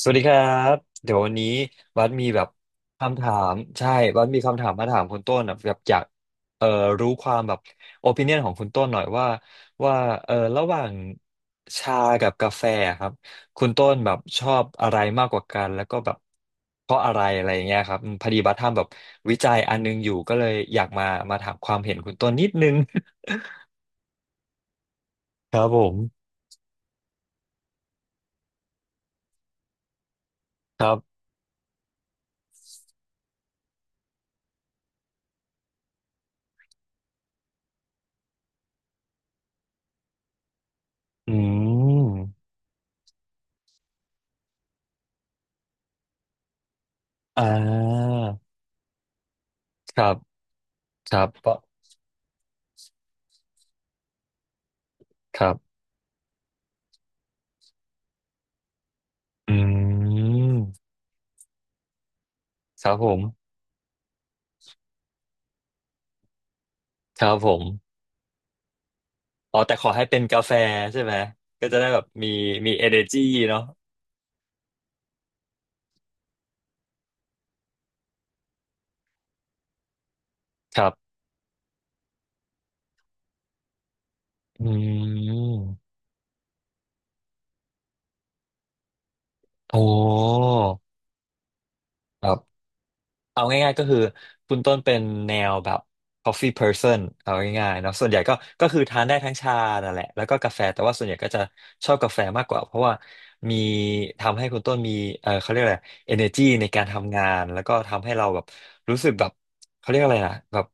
สวัสดีครับเดี๋ยววันนี้บัสมีแบบคำถามใช่บัสมีคำถามมาถามคุณต้นอะแบบอยากเอ่อรู้ความแบบโอปิเนียนของคุณต้นหน่อยว่าว่าระหว่างชากับกาแฟครับคุณต้นแบบชอบอะไรมากกว่ากันแล้วก็แบบเพราะอะไรอะไรอย่างเงี้ยครับอืมพอดีบัสทำแบบวิจัยอันนึงอยู่ก็เลยอยากมามาถามความเห็นคุณต้นนิดนึง ครับผมครับอืมอ่าครับครับเพราะครับ อืมครับผมครับผมอ๋อแต่ขอให้เป็นกาแฟใช่ไหมก็จะได้แบบมีมี energy เนาะครับอืมโอ้ครับ เอาง่ายๆก็คือคุณต้นเป็นแนวแบบ coffee person เอาง่ายๆเนาะส่วนใหญ่ก็ก็คือทานได้ทั้งชานั่นแหละแล้วก็กาแฟแต่ว่าส่วนใหญ่ก็จะชอบกาแฟมากกว่าเพราะว่ามีทำให้คุณต้นมีเออเขาเรียกอะไร energy ในการทำงานแล้วก็ทำให้เราแบบรู้สึกแบบเขาเรียกอะไรนะแบบ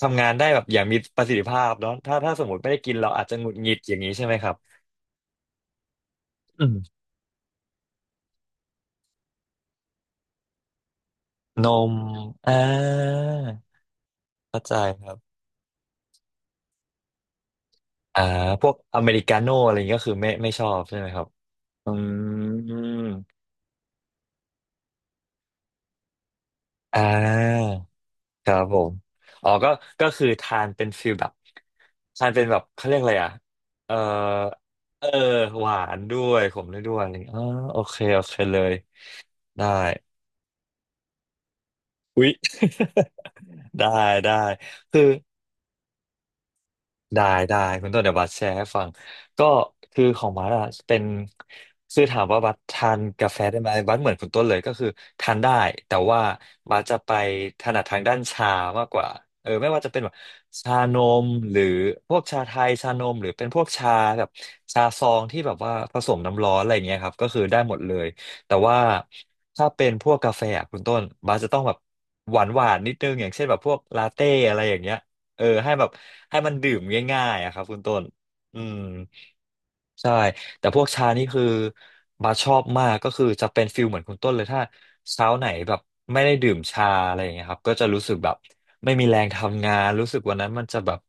ทำงานได้แบบอย่างมีประสิทธิภาพเนาะถ้าสมมติไม่ได้กินเราอาจจะหงุดหงิดอย่างนี้ใช่ไหมครับอืมนมอ่าเข้าใจ อ่าพวกอเมริกาโน่อะไรอย่างเงี้ยก็คือไม่ชอบใช่ไหมครับอืมอ่าครับผมอ๋อก็คือทานเป็นฟิลแบบทานเป็นแบบเขาเรียกอะไรอ่ะเออเออหวานด้วยขมด้วยอะไรอย่างเงี้ยอ๋อโอเคโอเคเลยได้อุ๊ย ได้ได้คือ ได้ได้คุณต้นเดี๋ยวบัสแชร์ให้ฟังก็คือของบัสอะเป็นคือถามว่าบัสทานกาแฟได้ไหมบัสเหมือนคุณต้นเลยก็คือทานได้แต่ว่าบัสจะไปถนัดทางด้านชามากกว่าเออไม่ว่าจะเป็นแบบชานมหรือพวกชาไทยชานมหรือเป็นพวกชาแบบชาซองที่แบบว่าผสมน้ำร้อนอะไรเงี้ยครับก็คือได้หมดเลยแต่ว่าถ้าเป็นพวกกาแฟอะคุณต้นบัสจะต้องแบบหวานหวานนิดนึงอย่างเช่นแบบพวกลาเต้อะไรอย่างเงี้ย เออให้แบบให้มันดื่มง่ายๆอะครับคุณต้นอืมใช่แต่พวกชานี่คือบาชอบมากก็คือจะเป็นฟิลเหมือนคุณต้นเลยถ้าเช้าไหนแบบไม่ได้ดื่มชาอะไรอย่างเงี้ยครับก็จะรู้สึกแบบไม่มีแรงทำงานรู้สึกวันนั้นมันจะแบบ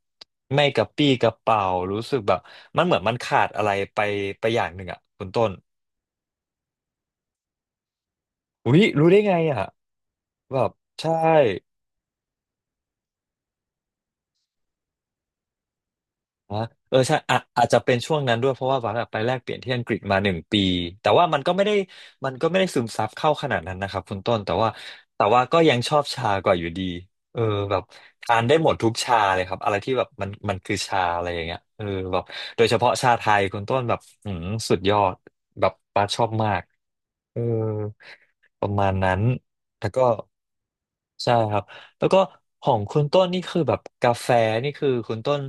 ไม่กระปรี้กระเปร่ารู้สึกแบบมันเหมือนมันขาดอะไรไปอย่างหนึ่งอ่ะคุณต้นอุ้ยรู้ได้ไงอ่ะแบบใช่ อ่ะเออใช่อะอาจจะเป็นช่วงนั้นด้วยเพราะว่าวักอะไปแลกเปลี่ยนที่อังกฤษมาหนึ่งปีแต่ว่ามันก็ไม่ได้ซึมซับเข้าขนาดนั้นนะครับคุณต้นแต่ว่าก็ยังชอบชากว่าอยู่ดีเออแบบทานได้หมดทุกชาเลยครับอะไรที่แบบมันคือชาอะไรอย่างเงี้ยเออแบบโดยเฉพาะชาไทยคุณต้นแบบอืมสุดยอดแบบป้าชอบมากเออประมาณนั้นแล้วก็ใช่ครับ แล้วก็ของคุณต้นนี่คือแบบกาแฟนี่คือคุณต้น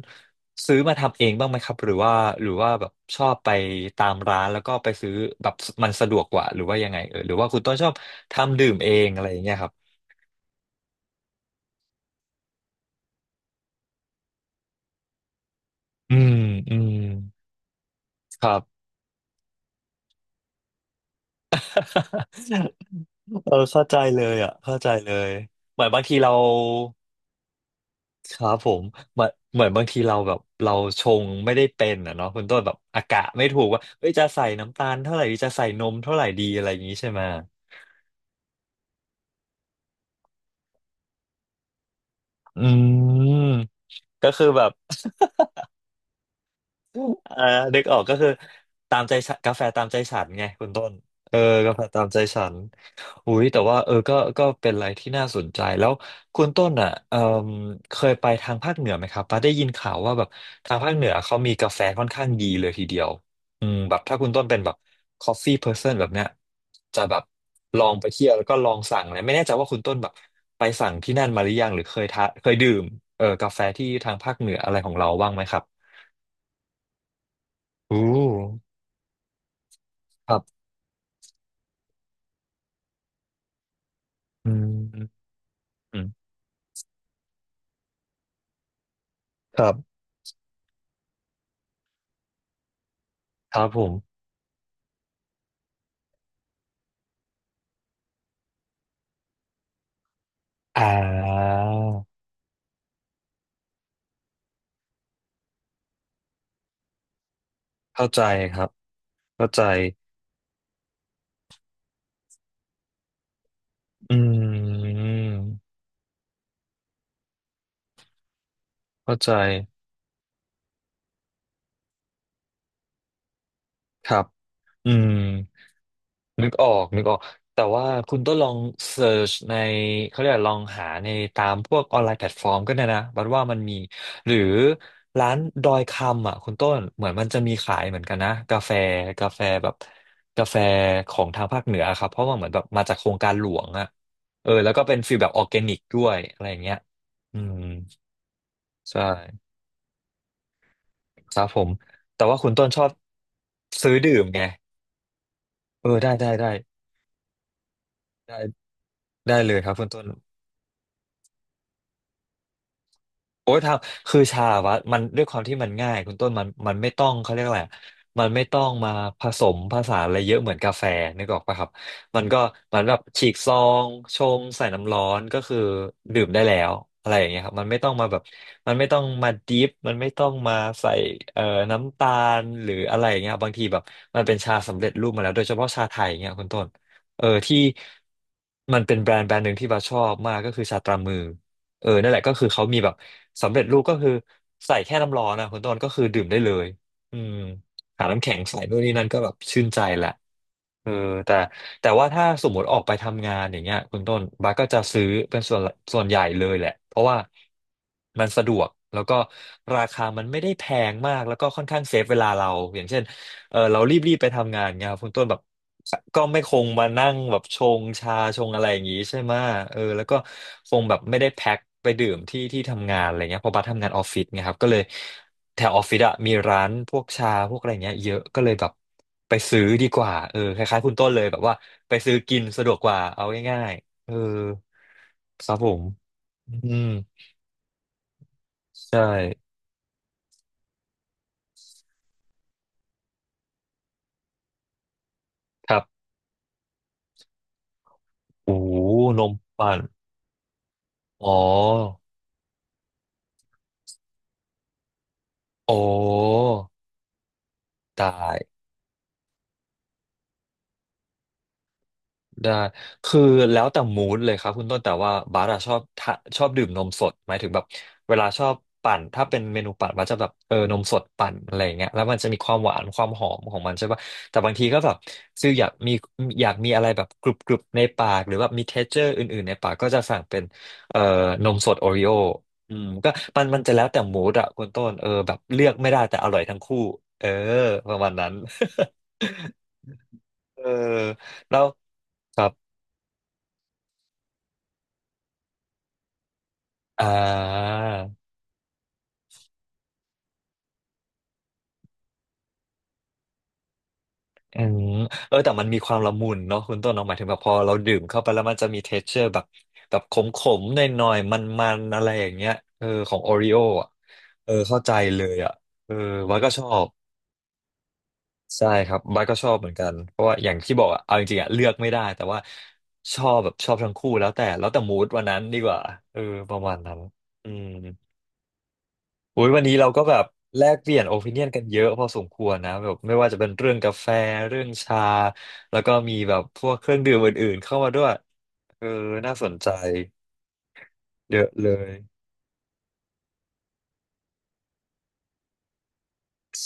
ซื้อมาทำเองบ้างไหมครับหรือว่าแบบชอบไปตามร้านแล้วก็ไปซื้อแบบมันสะดวกกว่าหรือว่ายังไงเออหรือว่าคุณต้นชอบทำดื่มเองอะไรอย่างเงี้ยครับอืมอืมครับ เออเข้าใจเลยอ่ะเข้าใจเลยเหมือนบางทีเราครับผมเหมือนบางทีเราแบบเราชงไม่ได้เป็นอ่ะเนาะคุณต้นแบบอากะไม่ถูกว่าเอ้ยจะใส่น้ำตาลเท่าไหร่ดีจะใส่นมเท่าไหร่ดีอะไรอย่างงี้ใช่ไหม อืมก็คือแบบ อ่านึกออกก็คือตามใจฉันกาแฟตามใจฉันไงคุณต้นเออกาแฟตามใจฉันอุ้ยแต่ว่าเออก็เป็นอะไรที่น่าสนใจแล้วคุณต้นอ่ะเออเคยไปทางภาคเหนือไหมครับป้าได้ยินข่าวว่าแบบทางภาคเหนือเขามีกาแฟค่อนข้างดีเลยทีเดียวอืมแบบถ้าคุณต้นเป็นแบบ coffee person แบบเนี้ยจะแบบลองไปเที่ยวแล้วก็ลองสั่งเลยไม่แน่ใจว่าคุณต้นแบบไปสั่งที่นั่นมาหรือยังหรือเคยทาเคยดื่มเออกาแฟที่ทางภาคเหนืออะไรของเราบ้างไหมครับอู้ ครับอืมอืมครับ ครับผมอ่าเข้าใจครับเข้าใจอืมเข้าใจครับอืม นึกออกนึกออกแต่ว่าคุณต้องลองเซิร์ชในเขาเรียกว่าลองหาในตามพวกออนไลน์แพลตฟอร์มก็ได้นะบัดว่ามันมีหรือร้านดอยคำอ่ะคุณต้นเหมือนมันจะมีขายเหมือนกันนะกาแฟกาแฟแบบกาแฟของทางภาคเหนือครับเพราะว่าเหมือนแบบมาจากโครงการหลวงอ่ะเออแล้วก็เป็นฟีลแบบออร์แกนิกด้วยอะไรอย่างเงี้ยอืมใช่ครับผมแต่ว่าคุณต้นชอบซื้อดื่มไงเออได้ได้เลยครับคุณต้น โอ้ยทำคือชาวะมันด้วยความที่มันง่ายคุณต้นมันไม่ต้องเขาเรียกอะไรอะมันไม่ต้องมาผสมผสานอะไรเยอะเหมือนกาแฟนึกออกปะครับมันก็มันแบบฉีกซองชงใส่น้ำร้อนก็คือดื่มได้แล้วอะไรอย่างเงี้ยครับมันไม่ต้องมาแบบมันไม่ต้องมาดิฟมันไม่ต้องมาใส่เอ่อน้ำตาลหรืออะไรอย่างเงี้ยบางทีแบบมันเป็นชาสำเร็จรูปมาแล้วโดยเฉพาะชาไทยอย่างเงี้ยคุณต้นเออที่มันเป็นแบรนด์หนึ่งที่บาชอบมากก็คือชาตรามือ เออนั่นแหละก็คือเขามีแบบสำเร็จรูปก็คือใส่แค่น้ำร้อนนะคุณต้นก็คือดื่มได้เลยอืมหาน้ำแข็งใส่นู่นนี่นั่นก็แบบชื่นใจแหละเออแต่แต่ว่าถ้าสมมติออกไปทำงานอย่างเงี้ยคุณต้นบาสก็จะซื้อเป็นส่วนใหญ่เลยแหละเพราะว่ามันสะดวกแล้วก็ราคามันไม่ได้แพงมากแล้วก็ค่อนข้างเซฟเวลาเราอย่างเช่นเออเรารีบๆไปทำงานเงี้ยครับคุณต้นแบบ ก็ไม่คงมานั่งแบบชงชาชงอะไรอย่างนี้ใช่ไหมะเออแล้วก็คงแบบไม่ได้แพ็คไปดื่มที่ที่ทำงานอะไรเงี้ยเพราะบัสทำงานออฟฟิศไงครับก็เลยแถวออฟฟิศอะมีร้านพวกชาพวกอะไรเงี้ยเยอะก็เลยแบบไปซื้อดีกว่าเออคล้ายๆคุณต้นเลยแบบว่าไปซื้อกินสะดวกกว่าเอาง่ายๆเออครับผมอืมใช่ครับโอ้โหนมปั่นอ๋อโอ้ตาย ได้คือแล้วแต่มูดเลยครับคุณต้นแต่ว่าบาร์อะชอบดื่มนมสดหมายถึงแบบเวลาชอบปั่นถ้าเป็นเมนูปั่นบาร์จะแบบเออนมสดปั่นอะไรอย่างเงี้ยแล้วมันจะมีความหวานความหอมของมันใช่ป่ะแต่บางทีก็แบบคืออยากมีอะไรแบบกรุบกรุบในปากหรือแบบมีเท็กเจอร์อื่นๆ ในปากก็จะสั่งเป็นเอ่อนมสดโอริโออืมก็มันจะแล้วแต่มูดอะคุณต้นเออแบบเลือกไม่ได้แต่อร่อยทั้งคู่เออประมาณนั้น เออแล้ว อ่าอืมเออแต่มันมีความละมุนเนาะคุณต้นเนาะหมายถึงแบบพอเราดื่มเข้าไปแล้วมันจะมีเท x t เจอร์แบบแบบขมๆหน่อยๆมันๆอะไรอย่างเงี้ยเออของโอริโออ่ะเออเข้าใจเลยอ่ะเออบัสก็ชอบใช่ครับบัสก็ชอบเหมือนกันเพราะว่าอย่างที่บอกอ่ะเอาจริงๆอะเลือกไม่ได้แต่ว่าชอบแบบชอบทั้งคู่แล้วแต่มูดวันนั้นดีกว่าเออประมาณนั้นอืม อุ้ยวันนี้เราก็แบบแลกเปลี่ยนโอ i ิเนียนกันเยอะพอสมควรนะแบบไม่ว่าจะเป็นเรื่องกาแฟเรื่องชาแล้วก็มีแบบพวกเครื่องดื่มอื่นๆเข้ามาด้วยเออน่าสนใจเยอะเลย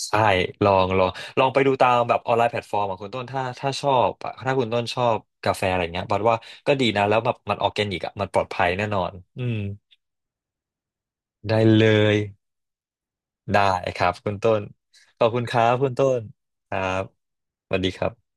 ใช่ลองลองลองไปดูตามแบบออนไลน์แพลตฟอร์มของคุณต้นถ้าชอบอะถ้าคุณต้นชอบกาแฟอะไรเงี้ยบัดว่าก็ดีนะแล้วแบบมันออร์แกนิกอ่ะมันปลอดภัยแน่นอนอืมได้เลยได้ครับคุณต้นขอบคุณครับคุณต้นครับสวัสดีครับ